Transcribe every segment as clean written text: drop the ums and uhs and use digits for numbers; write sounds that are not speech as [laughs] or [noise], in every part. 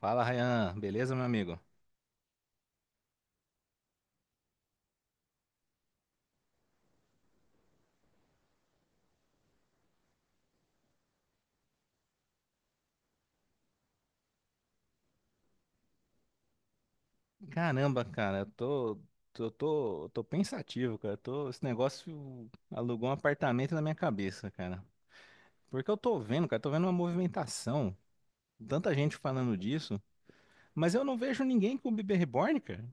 Fala, Ryan. Beleza, meu amigo? Caramba, cara, eu tô pensativo, cara. Tô, esse negócio alugou um apartamento na minha cabeça, cara. Porque eu tô vendo, cara, tô vendo uma movimentação, tanta gente falando disso, mas eu não vejo ninguém com bebê reborn, cara.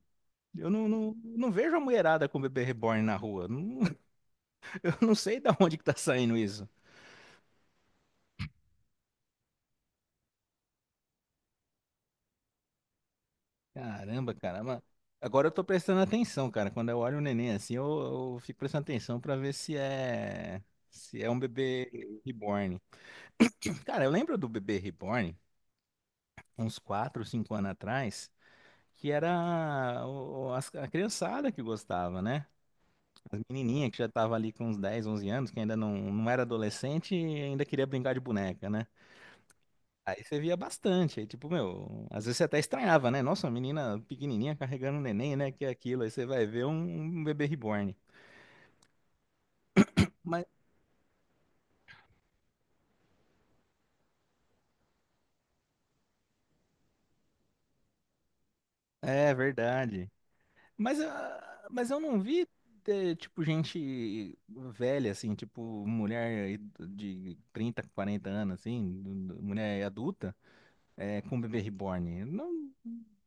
Eu não vejo a mulherada com bebê reborn na rua. Não- [laughs] eu não sei da onde que tá saindo isso. Caramba, cara. Mas agora eu tô prestando atenção, cara. Quando eu olho o neném assim, eu fico prestando atenção pra ver se é um bebê reborn. [clears throat] Cara, eu lembro do bebê reborn uns 4, 5 anos atrás, que era a criançada que gostava, né? As menininhas que já tava ali com uns 10, 11 anos, que ainda não era adolescente e ainda queria brincar de boneca, né? Aí você via bastante, aí tipo, meu, às vezes você até estranhava, né? Nossa, uma menina pequenininha carregando um neném, né? Que é aquilo, aí você vai ver um bebê reborn. Mas é verdade. Mas, ah, mas eu não vi, tipo, gente velha, assim, tipo, mulher de 30, 40 anos, assim, mulher adulta, com bebê reborn. Não,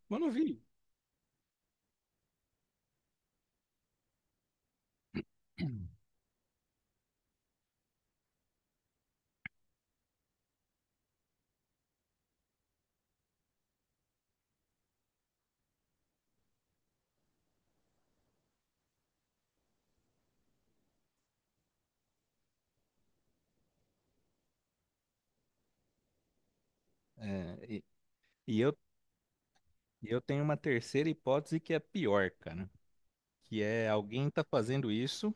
eu não vi. É, e, e eu, e eu tenho uma terceira hipótese que é pior, cara. Que é alguém tá fazendo isso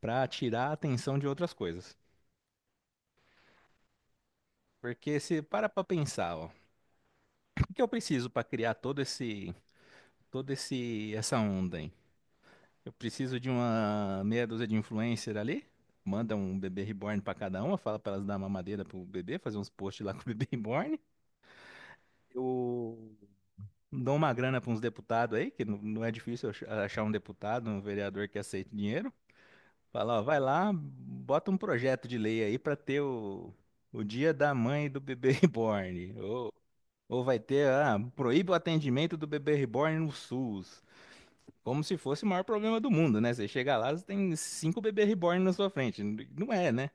para tirar a atenção de outras coisas. Porque se para pensar, ó, o que eu preciso para criar essa onda, hein? Eu preciso de uma meia dúzia de influencer ali, manda um bebê reborn para cada uma, fala para elas dar mamadeira pro bebê, fazer uns posts lá [laughs] com o bebê reborn. Eu dou uma grana para uns deputados aí, que não é difícil achar um deputado, um vereador que aceite dinheiro. Fala, ó, vai lá, bota um projeto de lei aí para ter o dia da mãe do bebê [laughs] reborn. Ou vai ter, ah, proíbe o atendimento do bebê reborn no SUS. Como se fosse o maior problema do mundo, né? Você chega lá, você tem cinco bebê reborn na sua frente. Não é, né?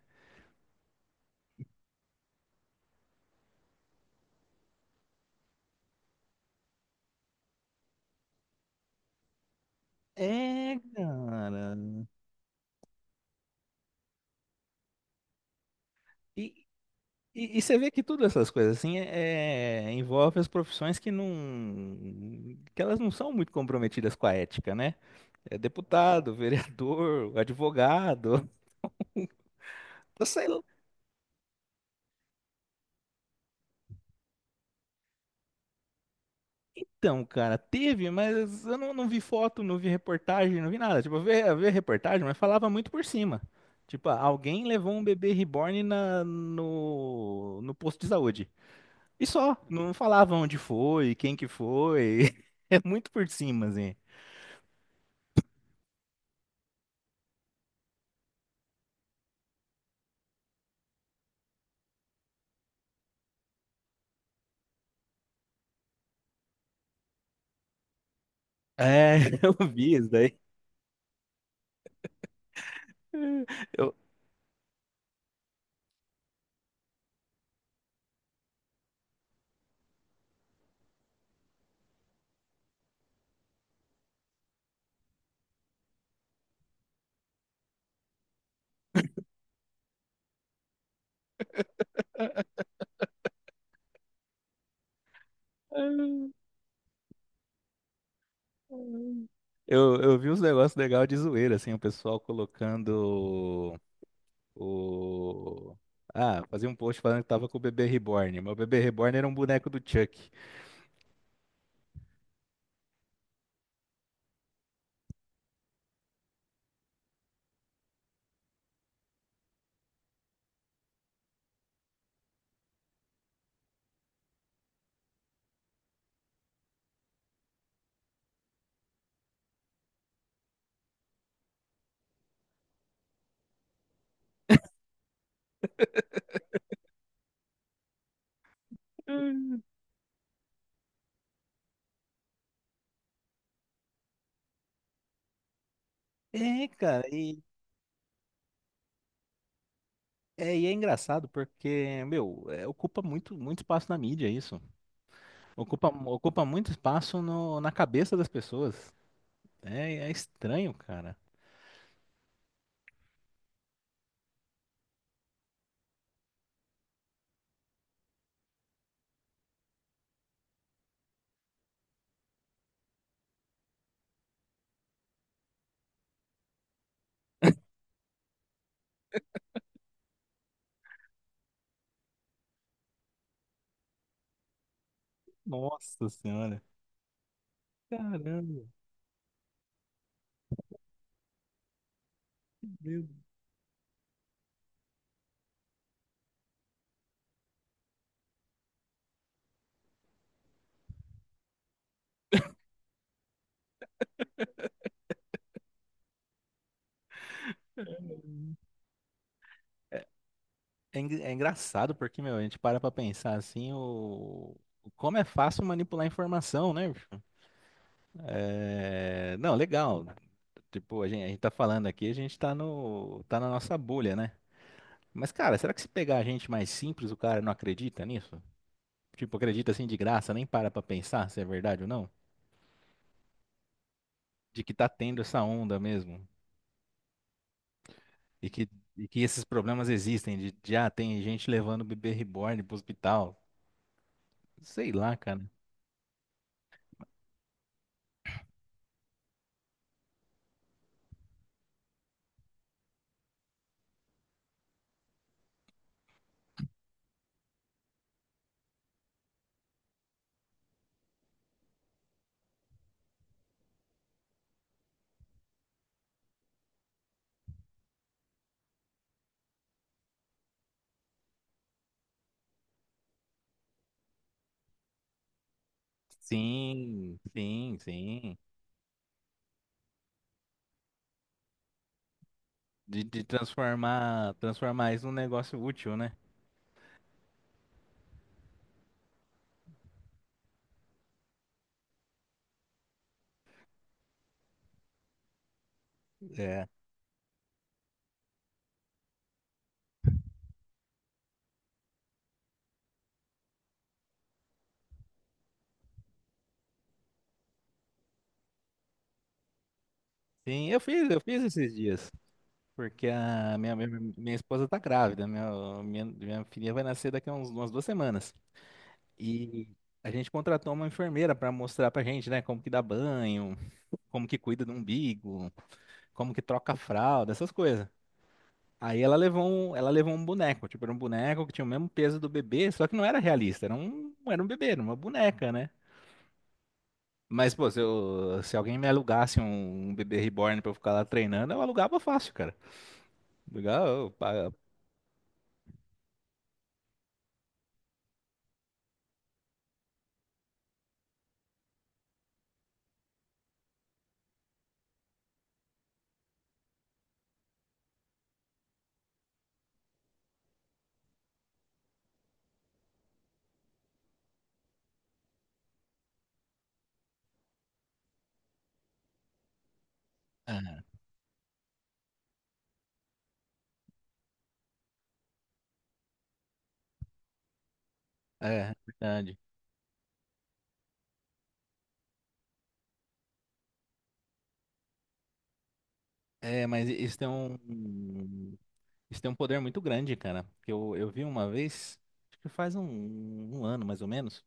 É, cara. E, e você vê que todas essas coisas assim é, envolve as profissões que não, que elas não são muito comprometidas com a ética, né? É deputado, vereador, advogado, [laughs] sei. Então, cara, teve, mas eu não vi foto, não vi reportagem, não vi nada. Tipo, eu vi a reportagem, mas falava muito por cima. Tipo, ah, alguém levou um bebê reborn na, no posto de saúde. E só, não falava onde foi, quem que foi. [laughs] É muito por cima, assim. É, [laughs] eu vi isso daí. Eu, eu vi uns negócios legais de zoeira, assim, o pessoal colocando o... Ah, fazia um post falando que tava com o bebê reborn. Meu bebê reborn era um boneco do Chuck. É, cara, e é engraçado porque, meu, é, ocupa muito espaço na mídia isso. Ocupa, ocupa muito espaço no, na cabeça das pessoas. É, é estranho, cara. Nossa senhora. Caramba, meu Deus. É, é engraçado porque, meu, a gente para pra pensar assim, o... como é fácil manipular informação, né, bicho? É, não, legal. Tipo, a gente tá falando aqui, a gente tá no, tá na nossa bolha, né? Mas, cara, será que se pegar a gente mais simples, o cara não acredita nisso? Tipo, acredita assim de graça, nem para pra pensar se é verdade ou não? De que tá tendo essa onda mesmo. E que, e que esses problemas existem, de ah, tem gente levando o bebê reborn pro hospital. Sei lá, cara. Sim, sim, sim. De transformar, transformar isso num negócio útil, né? É. Sim, eu fiz esses dias. Porque a minha esposa tá grávida, minha filha vai nascer daqui a uns, umas duas semanas. E a gente contratou uma enfermeira para mostrar pra gente, né, como que dá banho, como que cuida do umbigo, como que troca a fralda, essas coisas. Aí ela levou um boneco, tipo, era um boneco que tinha o mesmo peso do bebê, só que não era realista, era era um bebê, era uma boneca, né? Mas, pô, se alguém me alugasse um bebê reborn pra eu ficar lá treinando, eu alugava fácil, cara. Alugava, eu paga- É, é verdade. É, mas isso tem um. Isso tem um poder muito grande, cara. Porque eu vi uma vez, acho que faz um ano mais ou menos,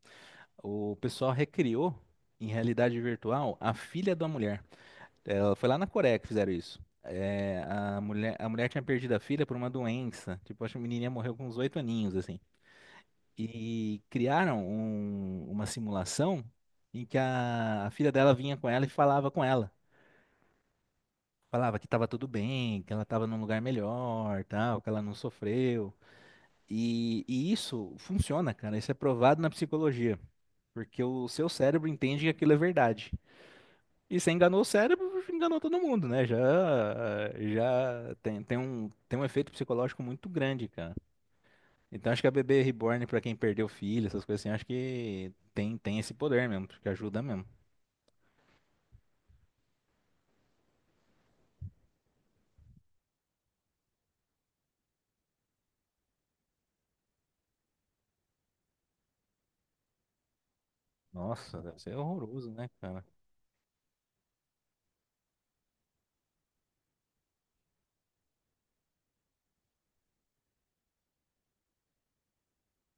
o pessoal recriou em realidade virtual a filha da mulher. Ela foi lá na Coreia que fizeram isso. É, a mulher tinha perdido a filha por uma doença. Tipo, acho que a menininha morreu com uns oito aninhos, assim. E criaram uma simulação em que a filha dela vinha com ela e falava com ela. Falava que estava tudo bem, que ela estava num lugar melhor, tal, que ela não sofreu. E isso funciona, cara. Isso é provado na psicologia, porque o seu cérebro entende que aquilo é verdade. E você enganou o cérebro, enganou todo mundo, né? Já, já tem, tem um efeito psicológico muito grande, cara. Então acho que a bebê reborn, pra quem perdeu filho, essas coisas assim, acho que tem, tem esse poder mesmo, porque ajuda mesmo. Nossa, deve ser horroroso, né, cara?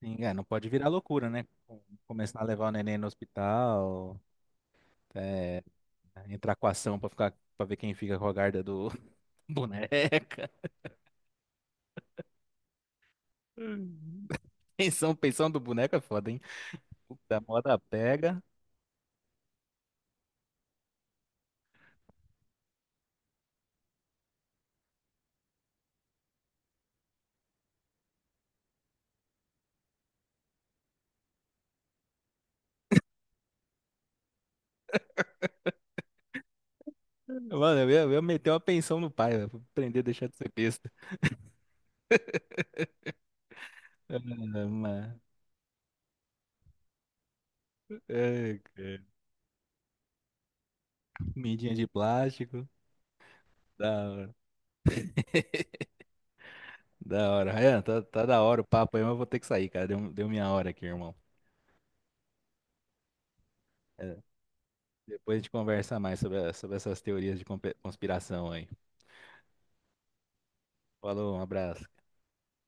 Sim, é, não pode virar loucura, né? Com- começar a levar o neném no hospital, é, entrar com ação pra ficar, para ver quem fica com a guarda do, boneca. [laughs] Pensão, pensão do boneco é foda, hein? O da moda pega. Mano, eu ia meter uma pensão no pai, velho, pra aprender a deixar de ser besta. Ah, mano. É, cara. Comidinha de plástico. Da hora. Da hora. Ryan, tá da hora o papo aí, mas eu vou ter que sair, cara. Deu, deu minha hora aqui, irmão. É, depois a gente conversa mais sobre, sobre essas teorias de conspiração aí. Falou, um abraço.